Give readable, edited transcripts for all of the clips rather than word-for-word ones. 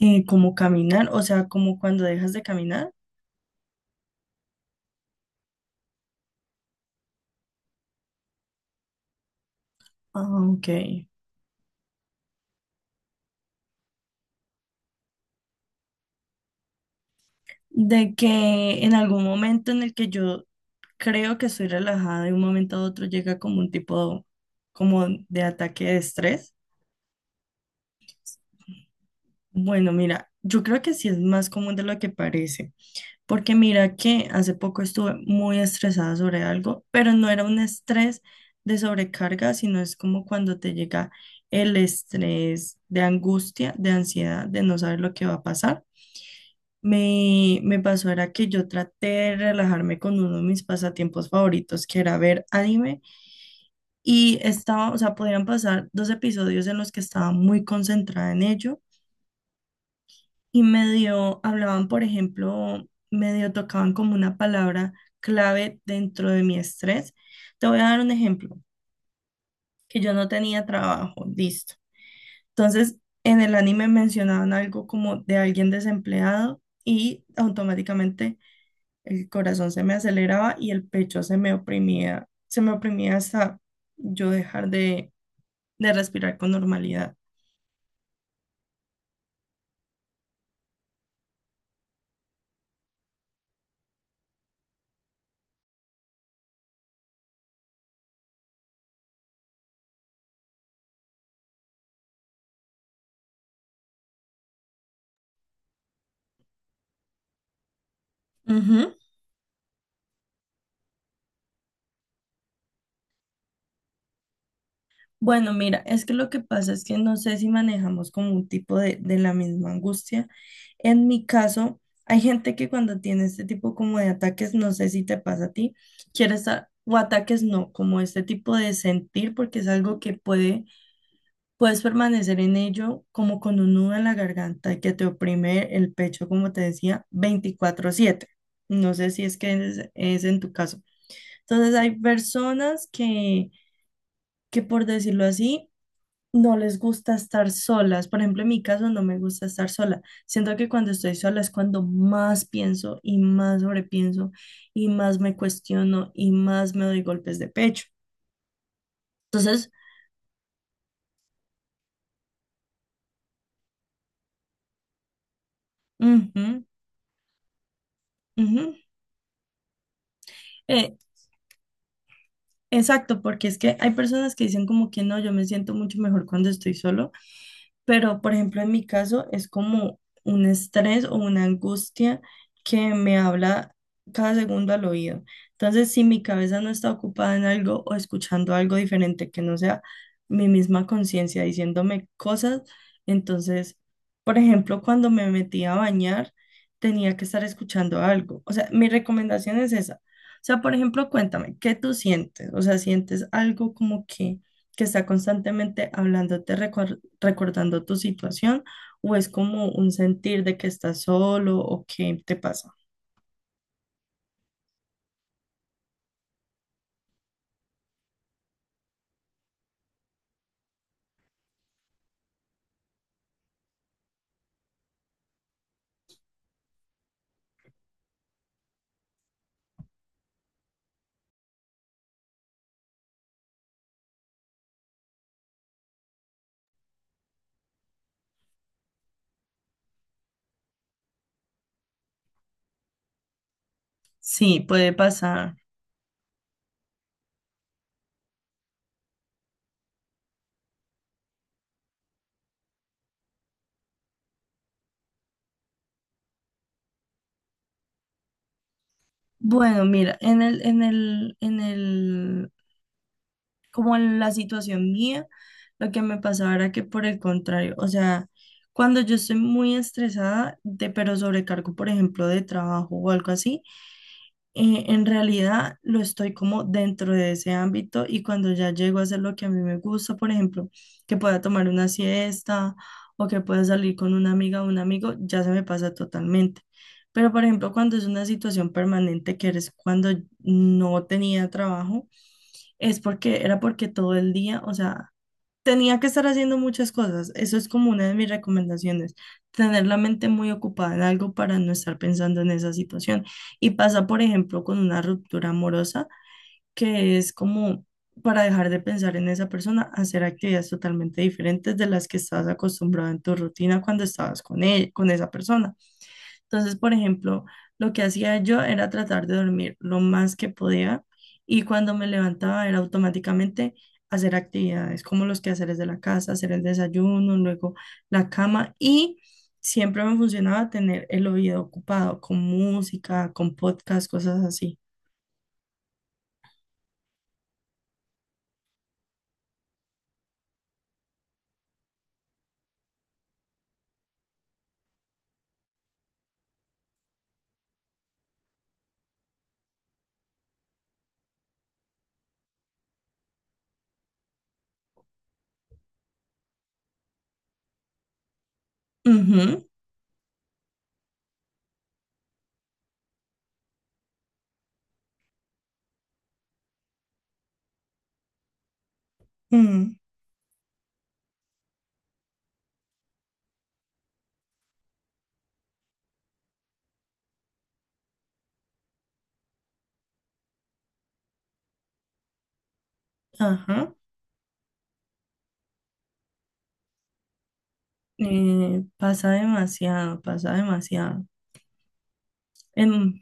Como caminar, o sea, como cuando dejas de caminar. Ah, ok. De que en algún momento en el que yo creo que estoy relajada, de un momento a otro llega como un tipo como de ataque de estrés. Bueno, mira, yo creo que sí es más común de lo que parece, porque mira que hace poco estuve muy estresada sobre algo, pero no era un estrés de sobrecarga, sino es como cuando te llega el estrés de angustia, de ansiedad, de no saber lo que va a pasar. Me pasó era que yo traté de relajarme con uno de mis pasatiempos favoritos, que era ver anime, y estaba, o sea, podían pasar dos episodios en los que estaba muy concentrada en ello, y medio hablaban, por ejemplo, medio tocaban como una palabra clave dentro de mi estrés. Te voy a dar un ejemplo, que yo no tenía trabajo, listo. Entonces, en el anime mencionaban algo como de alguien desempleado y automáticamente el corazón se me aceleraba y el pecho se me oprimía hasta yo dejar de respirar con normalidad. Ujú. Bueno, mira, es que lo que pasa es que no sé si manejamos como un tipo de la misma angustia. En mi caso, hay gente que cuando tiene este tipo como de ataques, no sé si te pasa a ti, quiere estar, o ataques no, como este tipo de sentir, porque es algo que puede puedes permanecer en ello como con un nudo en la garganta que te oprime el pecho, como te decía, 24/7. No sé si es que es en tu caso. Entonces hay personas que, por decirlo así, no les gusta estar solas. Por ejemplo, en mi caso no me gusta estar sola. Siento que cuando estoy sola es cuando más pienso y más sobrepienso y más me cuestiono y más me doy golpes de pecho. Entonces, ujú, ujú. Eh, Exacto, porque es que hay personas que dicen como que no, yo me siento mucho mejor cuando estoy solo, pero, por ejemplo, en mi caso es como un estrés o una angustia que me habla cada segundo al oído. Entonces, si mi cabeza no está ocupada en algo o escuchando algo diferente que no sea mi misma conciencia diciéndome cosas, entonces, por ejemplo, cuando me metí a bañar, tenía que estar escuchando algo. O sea, mi recomendación es esa. O sea, por ejemplo, cuéntame, ¿qué tú sientes? O sea, ¿sientes algo como que está constantemente hablándote, recordando tu situación o es como un sentir de que estás solo o qué te pasa? Sí, puede pasar. Bueno, mira, en el, como en la situación mía, lo que me pasaba era que por el contrario, o sea, cuando yo estoy muy estresada de, pero sobrecargo, por ejemplo, de trabajo o algo así, en realidad lo estoy como dentro de ese ámbito y cuando ya llego a hacer lo que a mí me gusta, por ejemplo, que pueda tomar una siesta o que pueda salir con una amiga o un amigo, ya se me pasa totalmente. Pero, por ejemplo, cuando es una situación permanente que eres cuando no tenía trabajo, es porque era porque todo el día, o sea, tenía que estar haciendo muchas cosas. Eso es como una de mis recomendaciones. Tener la mente muy ocupada en algo para no estar pensando en esa situación. Y pasa, por ejemplo, con una ruptura amorosa, que es como para dejar de pensar en esa persona, hacer actividades totalmente diferentes de las que estabas acostumbrado en tu rutina cuando estabas con él, con esa persona. Entonces, por ejemplo, lo que hacía yo era tratar de dormir lo más que podía y cuando me levantaba era automáticamente hacer actividades como los quehaceres de la casa, hacer el desayuno, luego la cama y siempre me funcionaba tener el oído ocupado con música, con podcast, cosas así. Ujú, ujú, ajá. Pasa demasiado, pasa demasiado. Em,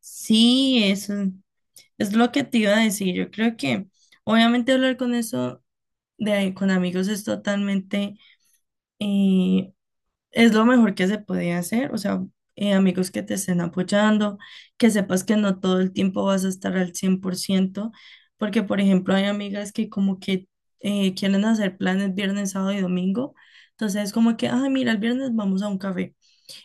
sí, eso. Es lo que te iba a decir. Yo creo que obviamente hablar con eso de ahí con amigos es totalmente, eh, es lo mejor que se puede hacer. O sea, amigos que te estén apoyando, que sepas que no todo el tiempo vas a estar al 100 por ciento porque por ejemplo hay amigas que como que quieren hacer planes viernes, sábado y domingo. Entonces es como que, ay, mira, el viernes vamos a un café.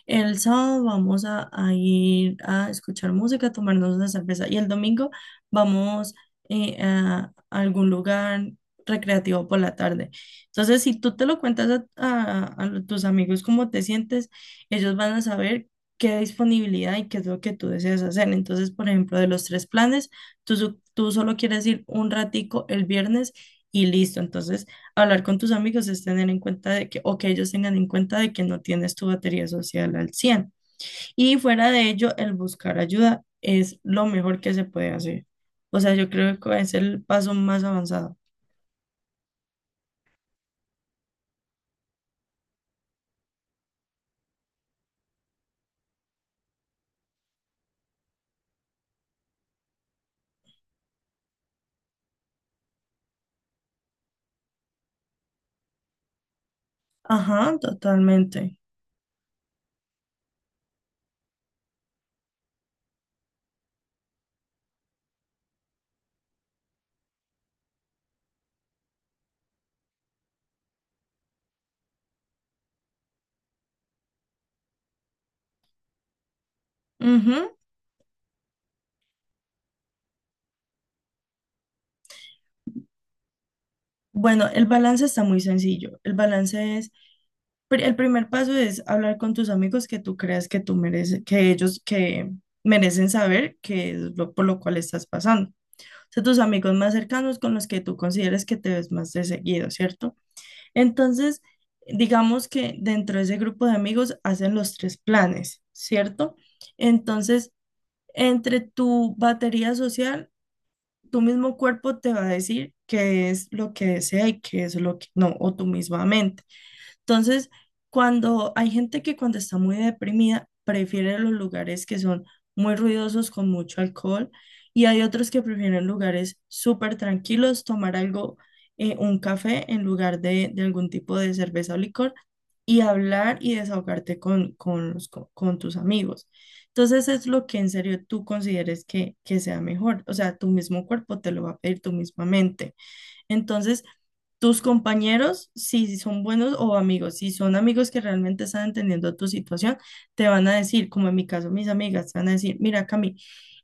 El sábado vamos a ir a escuchar música, a tomarnos una cerveza y el domingo vamos a algún lugar recreativo por la tarde. Entonces, si tú te lo cuentas a tus amigos cómo te sientes, ellos van a saber qué disponibilidad y qué es lo que tú deseas hacer. Entonces, por ejemplo, de los tres planes, tú solo quieres ir un ratico el viernes y listo. Entonces, hablar con tus amigos es tener en cuenta de que, o que ellos tengan en cuenta de que no tienes tu batería social al cien. Y fuera de ello, el buscar ayuda es lo mejor que se puede hacer. O sea, yo creo que es el paso más avanzado. Ajá, totalmente. Ujú. Bueno, el balance está muy sencillo. El balance es, el primer paso es hablar con tus amigos que tú creas que tú mereces, que ellos que merecen saber qué es lo por lo cual estás pasando. Son tus amigos más cercanos con los que tú consideres que te ves más de seguido, ¿cierto? Entonces, digamos que dentro de ese grupo de amigos hacen los tres planes, ¿cierto? Entonces, entre tu batería social, tu mismo cuerpo te va a decir qué es lo que desea y qué es lo que no, o tu misma mente. Entonces, cuando hay gente que cuando está muy deprimida prefiere los lugares que son muy ruidosos con mucho alcohol y hay otros que prefieren lugares súper tranquilos, tomar algo, un café en lugar de algún tipo de cerveza o licor y hablar y desahogarte con tus amigos. Entonces es lo que en serio tú consideres que sea mejor. O sea, tu mismo cuerpo te lo va a pedir, tu misma mente. Entonces, tus compañeros, si son buenos o amigos, si son amigos que realmente están entendiendo tu situación, te van a decir, como en mi caso, mis amigas, te van a decir, mira, Cami,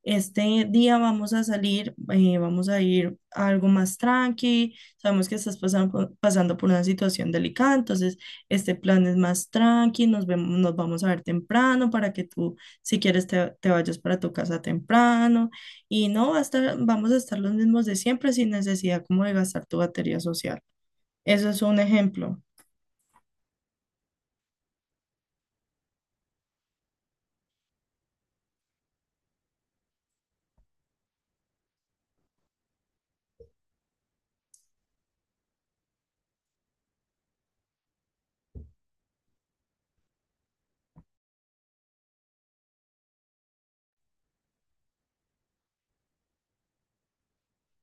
este día vamos a salir, vamos a ir a algo más tranqui, sabemos que estás pasando, pasando por una situación delicada, entonces este plan es más tranqui, nos vemos, nos vamos a ver temprano para que tú, si quieres, te vayas para tu casa temprano, y no va a estar, vamos a estar los mismos de siempre sin necesidad como de gastar tu batería social. Eso es un ejemplo.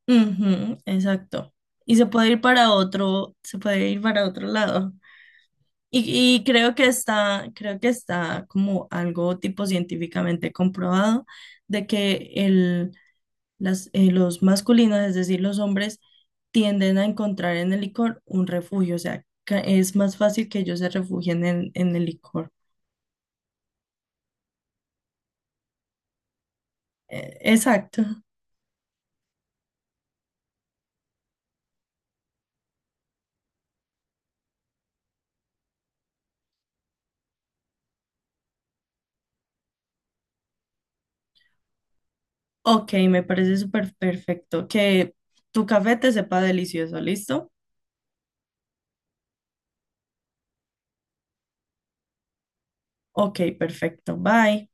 Ujú, exacto. Y se puede ir para otro, se puede ir para otro lado. Y, y creo que está como algo tipo científicamente comprobado de que el, las, los masculinos, es decir, los hombres, tienden a encontrar en el licor un refugio. O sea, es más fácil que ellos se refugien en el licor. Exacto. Ok, me parece súper perfecto. Que tu café te sepa delicioso, ¿listo? Ok, perfecto. Bye.